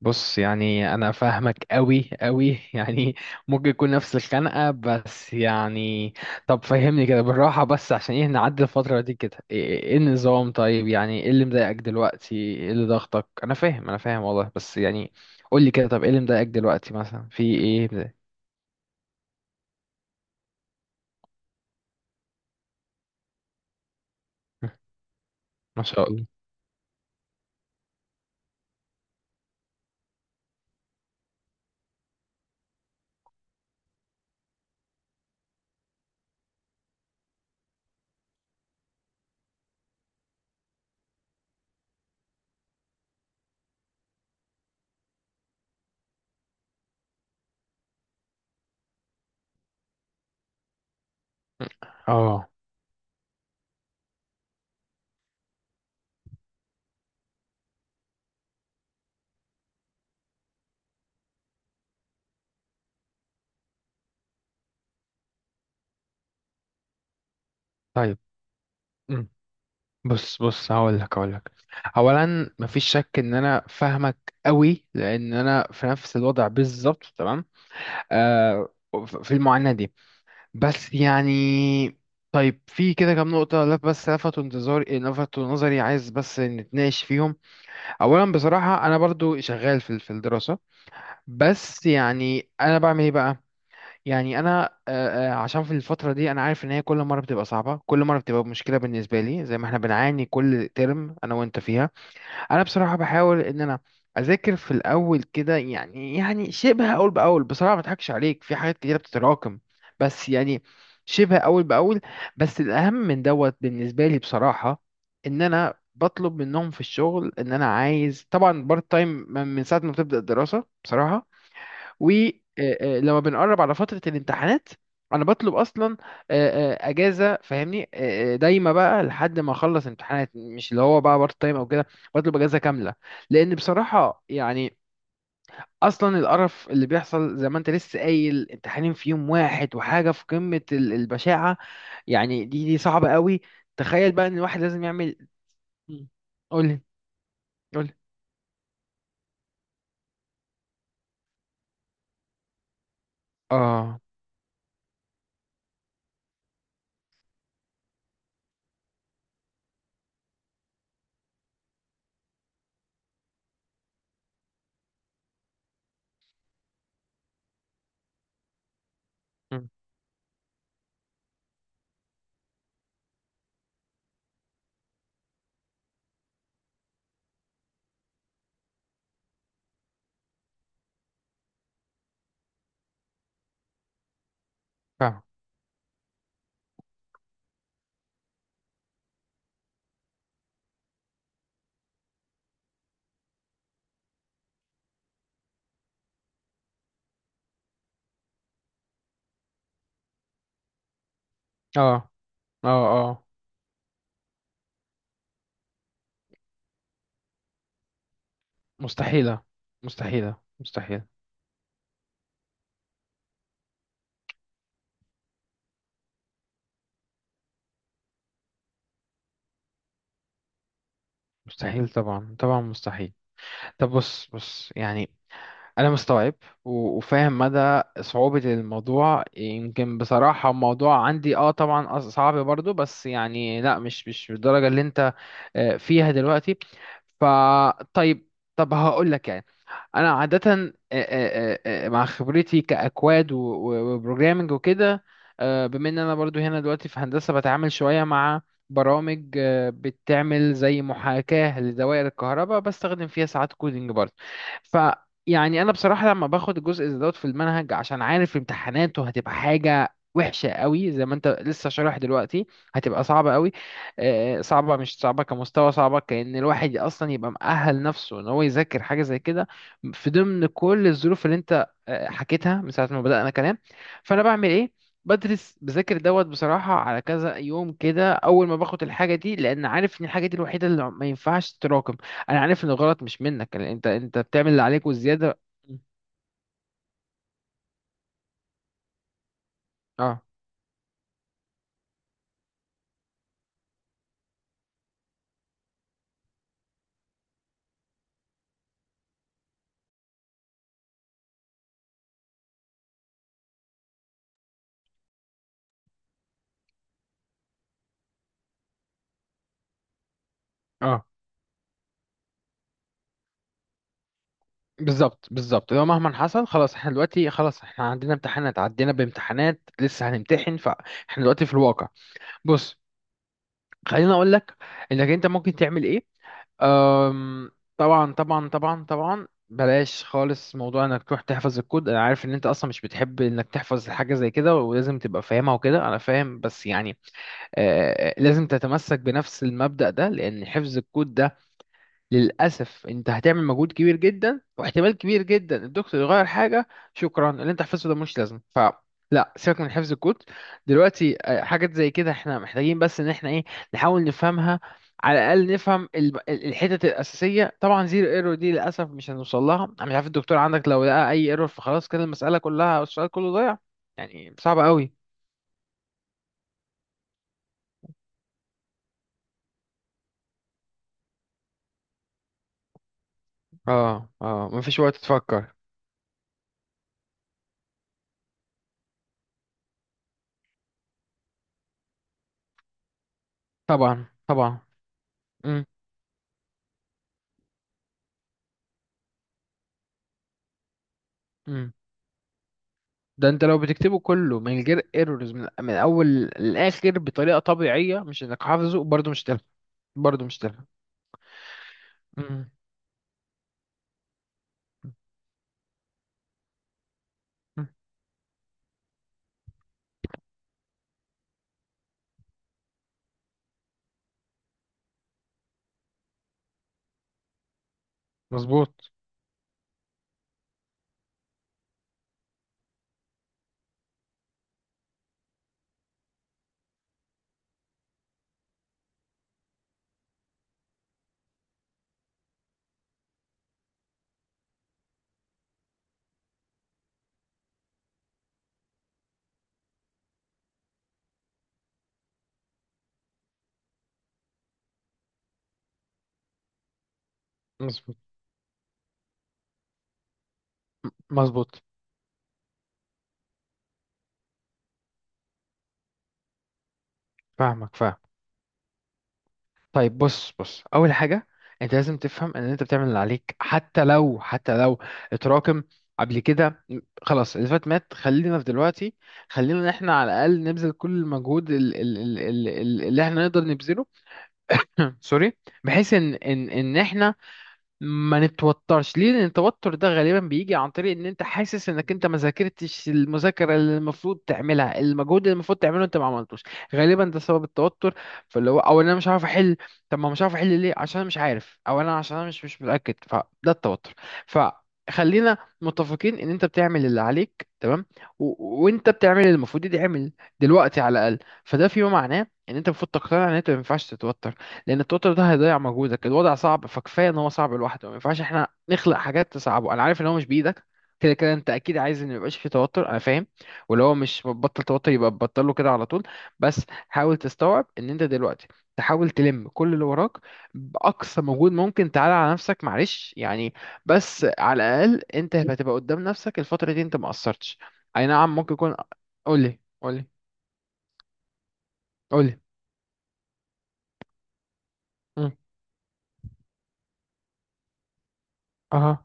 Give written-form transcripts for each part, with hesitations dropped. بص، يعني انا فاهمك قوي قوي يعني ممكن يكون نفس الخنقه، بس يعني. طب فهمني كده بالراحه، بس عشان ايه نعدي الفتره دي كده؟ إيه النظام؟ طيب، يعني ايه اللي مضايقك دلوقتي؟ ايه اللي ضغطك؟ انا فاهم والله، بس يعني. قول لي كده، طب ايه اللي مضايقك دلوقتي، مثلا في ايه مضايق؟ ما شاء الله. اه. طيب. مم. بص بص، هقول لك. اولا مفيش شك ان انا فاهمك قوي، لان انا في نفس الوضع بالظبط، تمام. آه، في المعاناة دي، بس يعني. طيب في كده كام نقطة لف بس لفتوا انتظاري، لفتوا نظري، عايز بس نتناقش فيهم. أولا بصراحة أنا برضو شغال في الدراسة، بس يعني أنا بعمل إيه بقى؟ يعني أنا عشان في الفترة دي أنا عارف إن هي كل مرة بتبقى صعبة، كل مرة بتبقى مشكلة بالنسبة لي، زي ما إحنا بنعاني كل ترم أنا وأنت فيها. انا بصراحه بحاول ان انا اذاكر في الاول كده، يعني يعني شبه اول باول. بصراحه ما اضحكش عليك، في حاجات كتيره بتتراكم، بس يعني شبه اول باول. بس الاهم من دوت بالنسبه لي بصراحه، ان انا بطلب منهم في الشغل ان انا عايز طبعا بارت تايم من ساعه ما بتبدا الدراسه بصراحه. ولما بنقرب على فترة الامتحانات انا بطلب اصلا اجازه، فاهمني، دايما بقى لحد ما اخلص امتحانات، مش اللي هو بقى بارت تايم او كده، بطلب اجازه كامله. لان بصراحه يعني اصلا القرف اللي بيحصل زي ما انت لسه قايل، امتحانين في يوم واحد وحاجه في قمه البشاعه، يعني دي صعبه قوي. تخيل بقى ان الواحد لازم يعمل. مم. قولي قولي. اه. مم. فاهم. اه. اه. اه. مستحيله. مستحيله مستحيله. مستحيل، طبعا طبعا مستحيل. طب بص بص، يعني انا مستوعب وفاهم مدى صعوبة الموضوع. يمكن بصراحة الموضوع عندي اه طبعا صعب برضو، بس يعني لا، مش بالدرجة اللي انت فيها دلوقتي. فطيب، طب هقول لك يعني انا عاده مع خبرتي كاكواد وبروجرامنج وكده. بما ان انا برضو هنا دلوقتي في هندسه بتعامل شويه مع برامج، بتعمل زي محاكاه لدوائر الكهرباء، بستخدم فيها ساعات كودينج برضو. ف يعني انا بصراحه لما باخد الجزء ده دوت في المنهج، عشان عارف امتحاناته هتبقى حاجه وحشه قوي زي ما انت لسه شارح دلوقتي، هتبقى صعبه قوي. صعبه مش صعبه كمستوى، صعبه كأن الواحد اصلا يبقى مؤهل نفسه ان هو يذاكر حاجه زي كده، في ضمن كل الظروف اللي انت حكيتها من ساعة ما بدأنا كلام. فانا بعمل ايه؟ بدرس بذاكر دوت بصراحة على كذا يوم كده اول ما باخد الحاجة دي، لان عارف ان الحاجة دي الوحيدة اللي ما ينفعش تتراكم. انا عارف ان الغلط مش منك، لأن انت بتعمل اللي عليك والزيادة. اه. اه. بالظبط بالظبط، لو مهما حصل، خلاص احنا دلوقتي، خلاص احنا عندنا امتحانات، عدينا بامتحانات لسه هنمتحن، فاحنا دلوقتي في الواقع. بص، خليني اقول لك انك انت ممكن تعمل ايه. أم، طبعا طبعا طبعا طبعا، بلاش خالص موضوع انك تروح تحفظ الكود. انا عارف ان انت اصلا مش بتحب انك تحفظ حاجه زي كده، ولازم تبقى فاهمها وكده، انا فاهم. بس يعني آه لازم تتمسك بنفس المبدأ ده، لان حفظ الكود ده للأسف أنت هتعمل مجهود كبير جدا، واحتمال كبير جدا الدكتور يغير حاجة، شكرا، اللي أنت حفظته ده مش لازم. ف لا، سيبك من حفظ الكود دلوقتي. حاجات زي كده احنا محتاجين بس ان احنا ايه، نحاول نفهمها. على الاقل نفهم الحتت الاساسيه. طبعا زيرو ايرور دي للاسف مش هنوصل لها، انا مش عارف الدكتور عندك، لو لقى اي ايرور فخلاص كده المساله كلها أو السؤال كله ضايع، يعني صعب قوي. اه. اه، مفيش وقت تفكر. طبعا طبعا. امم امم. ده انت لو بتكتبه كله من غير ايرورز من اول للاخر بطريقه طبيعيه، مش انك حافظه، برضه مش تلحق. برضه مش تلحق. مم. مم. مظبوط. مظبوط. مظبوط. فاهمك فاهم. طيب بص بص، اول حاجه انت لازم تفهم ان انت بتعمل اللي عليك، حتى لو اتراكم قبل كده. خلاص اللي فات مات، خلينا في دلوقتي. خلينا ان احنا على الاقل نبذل كل المجهود اللي احنا نقدر نبذله. سوري. بحيث ان احنا ما نتوترش. ليه؟ لان التوتر ده غالبا بيجي عن طريق ان انت حاسس انك انت ما ذاكرتش، المذاكره اللي المفروض تعملها، المجهود اللي المفروض تعمله انت ما عملتوش. غالبا ده سبب التوتر. فاللي هو او إن انا مش عارف احل. طب ما مش عارف احل ليه؟ عشان انا مش عارف، او انا عشان انا مش متاكد، فده التوتر. فخلينا متفقين ان انت بتعمل اللي عليك تمام، وانت بتعمل اللي المفروض يتعمل دلوقتي على الاقل. فده فيما معناه ان انت المفروض تقتنع ان انت ما ينفعش تتوتر، لان التوتر ده هيضيع مجهودك. الوضع صعب، فكفايه ان هو صعب لوحده، ما ينفعش احنا نخلق حاجات تصعبه. انا عارف ان هو مش بايدك، كده كده انت اكيد عايز ان ميبقاش فيه توتر، انا فاهم. ولو هو مش بطل توتر يبقى بطله كده على طول. بس حاول تستوعب ان انت دلوقتي تحاول تلم كل اللي وراك باقصى مجهود ممكن. تعالى على نفسك معلش يعني، بس على الاقل انت هتبقى قدام نفسك الفتره دي انت ما قصرتش. اي نعم ممكن يكون. قولي قولي. قولي. مم. اها.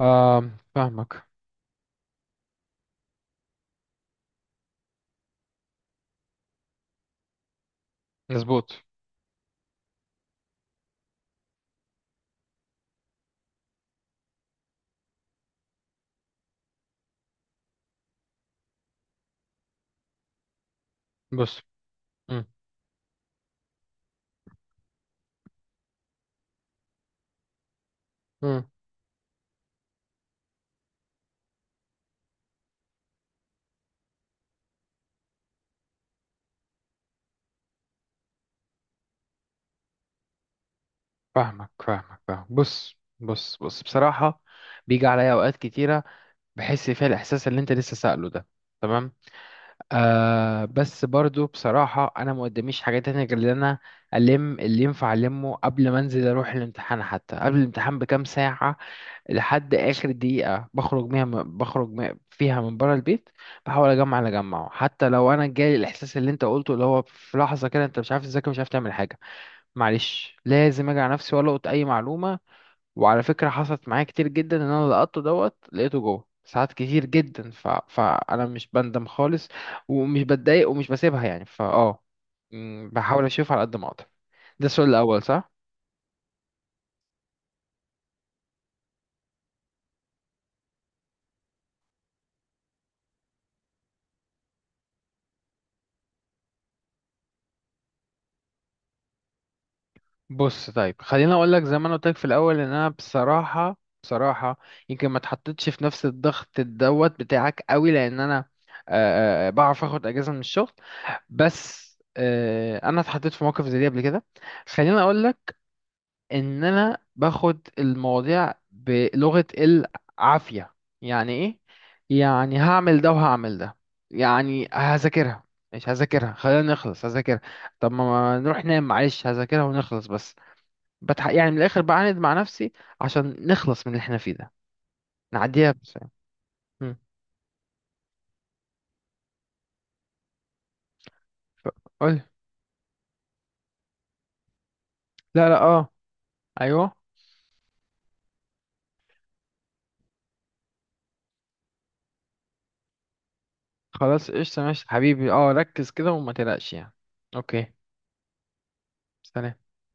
آه. فاهمك. مظبوط. بص. مم. مم. فاهمك فاهمك فاهمك. بص بص بص، بصراحة بيجي عليا أوقات كتيرة بحس فيها الإحساس اللي أنت لسه سأله ده. تمام. آه بس برضو بصراحة أنا ما قداميش حاجة تانية غير إن أنا ألم اللي ينفع ألمه قبل ما أنزل أروح الامتحان، حتى قبل الامتحان بكام ساعة، لحد آخر دقيقة بخرج بيها، بخرج فيها من بره البيت. بحاول أجمع اللي أجمعه، حتى لو أنا جالي الإحساس اللي أنت قلته اللي هو في لحظة كده أنت مش عارف تذاكر، مش عارف تعمل حاجة. معلش، لازم اجي على نفسي والقط اي معلومه. وعلى فكره حصلت معايا كتير جدا ان انا لقطته دوت، لقيته جوه ساعات كتير جدا. فانا مش بندم خالص، ومش بتضايق، ومش بسيبها يعني. بحاول اشوف على قد ما اقدر. ده السؤال الاول، صح؟ بص، طيب خليني اقول لك زي ما انا قلت لك في الاول، ان انا بصراحه بصراحه يمكن ما اتحطيتش في نفس الضغط دوت بتاعك قوي، لان انا آه، بعرف اخد اجازه من الشغل. بس انا اتحطيت في موقف زي دي قبل كده. خليني اقول لك ان انا باخد المواضيع بلغة العافية. يعني ايه؟ يعني هعمل ده وهعمل ده، يعني هذاكرها مش هذاكرها، خلينا نخلص هذاكرها. طب ما نروح ننام، معلش هذاكرها ونخلص بس. يعني من الاخر بعاند مع نفسي عشان نخلص من اللي احنا فيه ده، نعديها بس، يعني. قول. لا لا. اه. ايوه. خلاص قشطة ماشي حبيبي، اه ركز كده وما تقلقش يعني. اوكي. سلام.